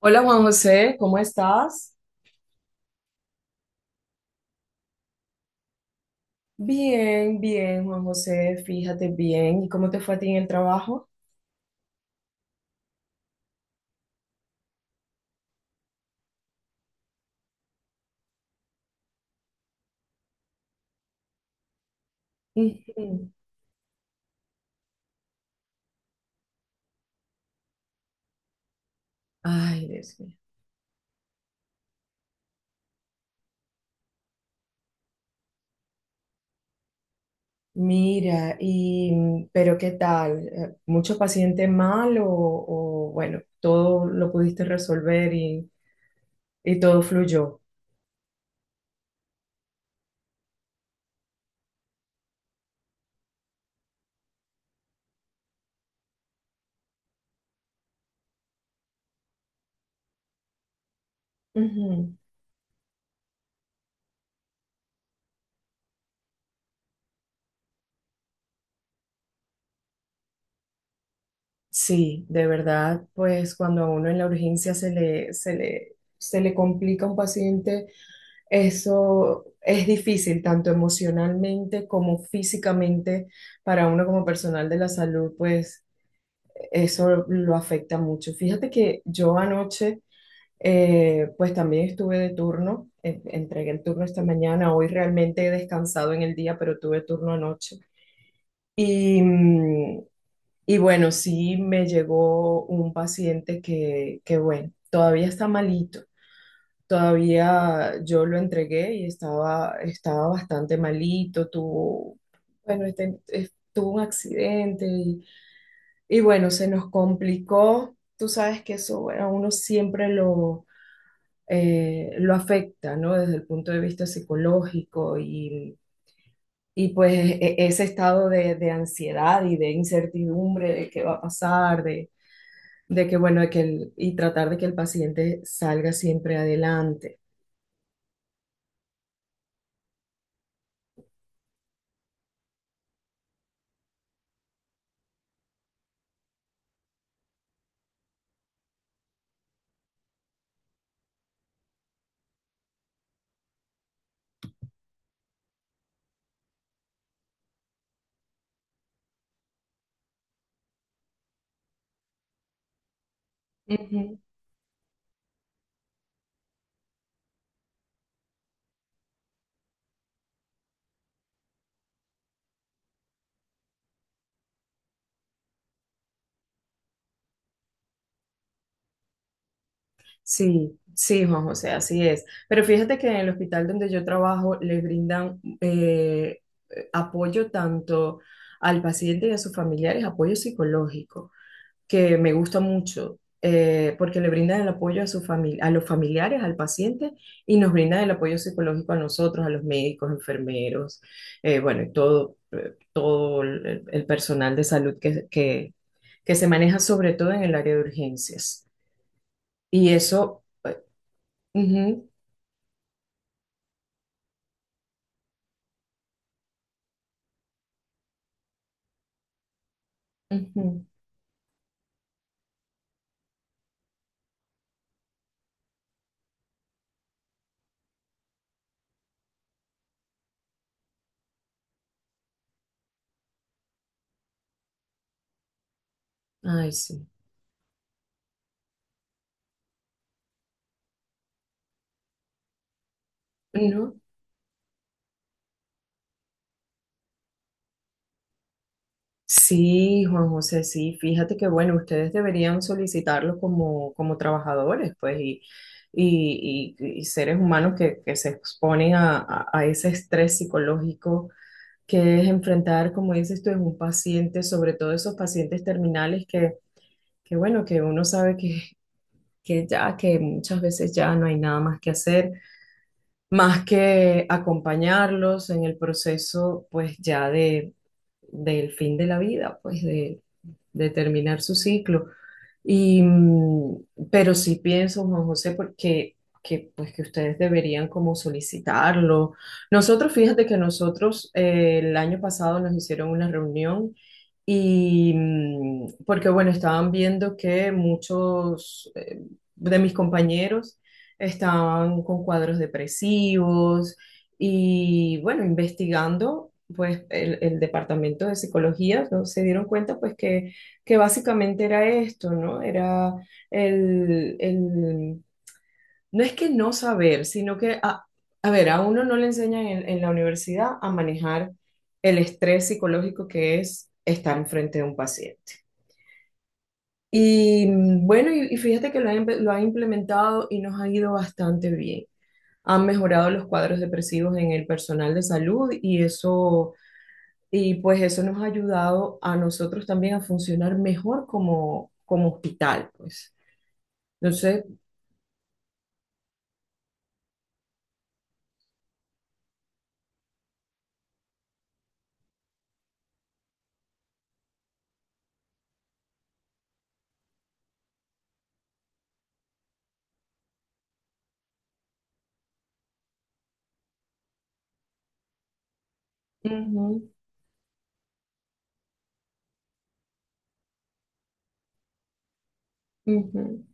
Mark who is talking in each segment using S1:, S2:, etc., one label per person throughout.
S1: Hola Juan José, ¿cómo estás? Bien, bien, Juan José, fíjate bien. ¿Y cómo te fue a ti en el trabajo? Ujú. Ay, Dios mío. Mira, y pero ¿qué tal? ¿Mucho paciente mal o bueno, todo lo pudiste resolver y todo fluyó? Ujú. Sí, de verdad, pues cuando a uno en la urgencia se le complica un paciente. Eso es difícil, tanto emocionalmente como físicamente, para uno como personal de la salud, pues eso lo afecta mucho. Fíjate que yo anoche, pues también estuve de turno, entregué el turno esta mañana, hoy realmente he descansado en el día, pero tuve turno anoche. Y, y bueno, sí me llegó un paciente que bueno, todavía está malito. Todavía yo lo entregué y estaba bastante malito, tuvo, bueno, tuvo un accidente y bueno, se nos complicó. Tú sabes que eso, bueno, a uno siempre lo afecta, ¿no? Desde el punto de vista psicológico y pues ese estado de ansiedad y de incertidumbre de qué va a pasar, de que, bueno, de que y tratar de que el paciente salga siempre adelante. Ujú. Sí, sí, Juan José, así es. Pero fíjate que en el hospital donde yo trabajo le brindan apoyo tanto al paciente y a sus familiares, apoyo psicológico, que me gusta mucho, porque le brindan el apoyo a los familiares, al paciente, y nos brindan el apoyo psicológico a nosotros, a los médicos, enfermeros, bueno, y todo, todo el personal de salud que, que se maneja sobre todo en el área de urgencias. Y eso. Ujú, ujú. Ay, sí. ¿No? Sí, Juan José, sí. Fíjate que, bueno, ustedes deberían solicitarlo como, como trabajadores, pues, y, y seres humanos que se exponen a ese estrés psicológico que es enfrentar, como dices tú, es un paciente, sobre todo esos pacientes terminales que bueno, que uno sabe que ya, que muchas veces ya no hay nada más que hacer más que acompañarlos en el proceso, pues ya de, del fin de la vida, pues de terminar su ciclo. Y, pero sí pienso, Juan José, porque que, pues que ustedes deberían como solicitarlo. Nosotros, fíjate que nosotros el año pasado nos hicieron una reunión y porque bueno, estaban viendo que muchos de mis compañeros, estaban con cuadros depresivos y bueno, investigando, pues el departamento de psicología, ¿no? Se dieron cuenta pues que básicamente era esto, ¿no? Era el, el- no es que no saber, sino que, a ver, a uno no le enseñan en la universidad a manejar el estrés psicológico que es estar enfrente de un paciente. Y bueno, y fíjate que lo ha implementado y nos ha ido bastante bien, han mejorado los cuadros depresivos en el personal de salud y eso, y pues eso nos ha ayudado a nosotros también a funcionar mejor como, como hospital, pues. Entonces, ujú, ujú.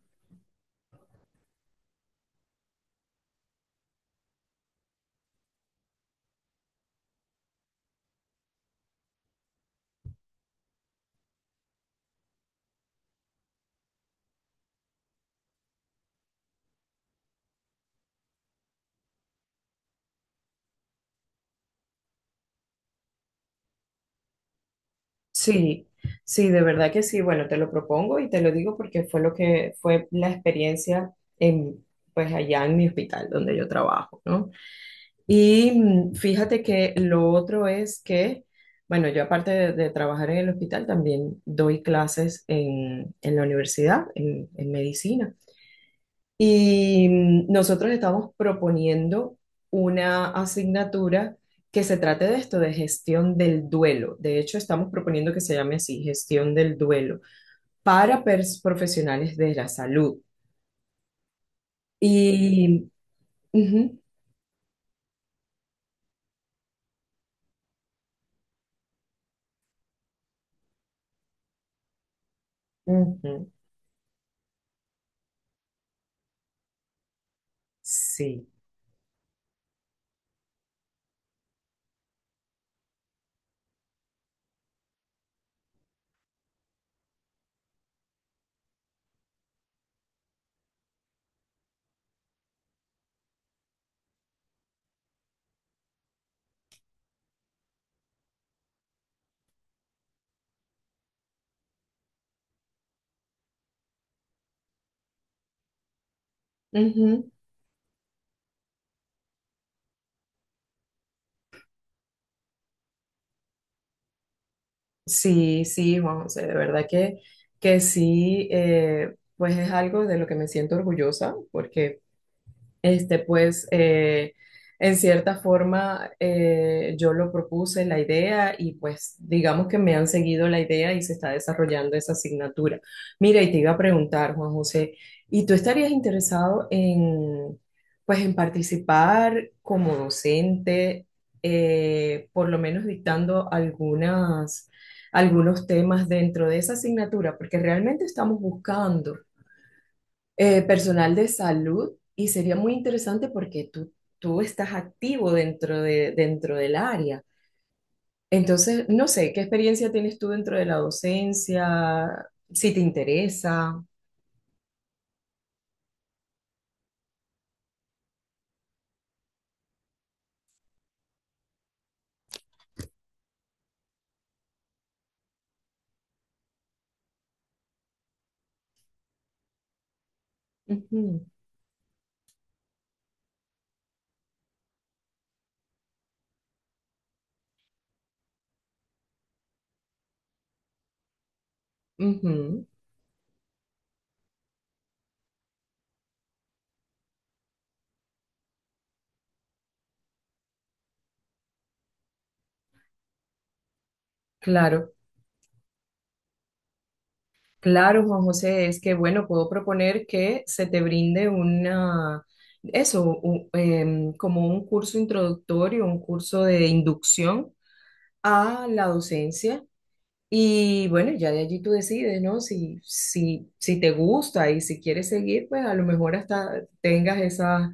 S1: Sí, sí, de verdad que sí. Bueno, te lo propongo y te lo digo porque fue lo que fue la experiencia en, pues allá en mi hospital donde yo trabajo, ¿no? Y fíjate que lo otro es que, bueno, yo aparte de trabajar en el hospital, también doy clases en la universidad, en medicina. Y nosotros estamos proponiendo una asignatura que se trate de esto, de gestión del duelo. De hecho, estamos proponiendo que se llame así, gestión del duelo, para profesionales de la salud. Y, ujú, ujú, sí. Ujú. Sí, sí, Juan José, de verdad que sí, pues es algo de lo que me siento orgullosa, porque este, pues, en cierta forma, yo lo propuse la idea y pues digamos que me han seguido la idea y se está desarrollando esa asignatura. Mira, y te iba a preguntar, Juan José, ¿y tú estarías interesado en, pues, en participar como docente, por lo menos dictando algunas, algunos temas dentro de esa asignatura? Porque realmente estamos buscando personal de salud y sería muy interesante porque tú estás activo dentro de, dentro del área. Entonces, no sé, ¿qué experiencia tienes tú dentro de la docencia? Si te interesa. Ujú, ujú. Claro, claro, Juan José, es que bueno, puedo proponer que se te brinde una, eso, como un curso introductorio, un curso de inducción a la docencia. Y bueno, ya de allí tú decides, ¿no? Si te gusta y si quieres seguir, pues a lo mejor hasta tengas esa,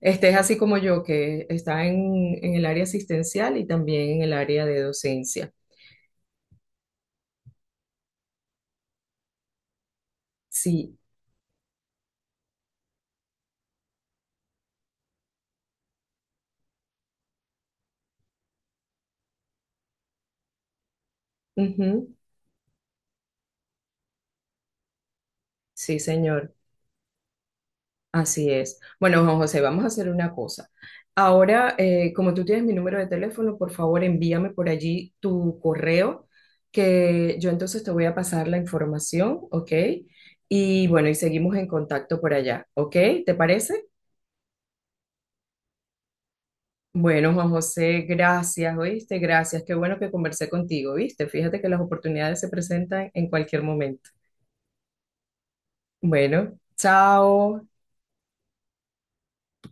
S1: estés así como yo, que está en el área asistencial y también en el área de docencia. Sí, ujú, sí, señor. Así es. Bueno, Juan José, vamos a hacer una cosa. Ahora, como tú tienes mi número de teléfono, por favor envíame por allí tu correo, que yo entonces te voy a pasar la información, ¿ok? Y bueno, y seguimos en contacto por allá, ¿ok? ¿Te parece? Bueno, Juan José, gracias, ¿oíste? Gracias. Qué bueno que conversé contigo, ¿viste? Fíjate que las oportunidades se presentan en cualquier momento. Bueno, chao.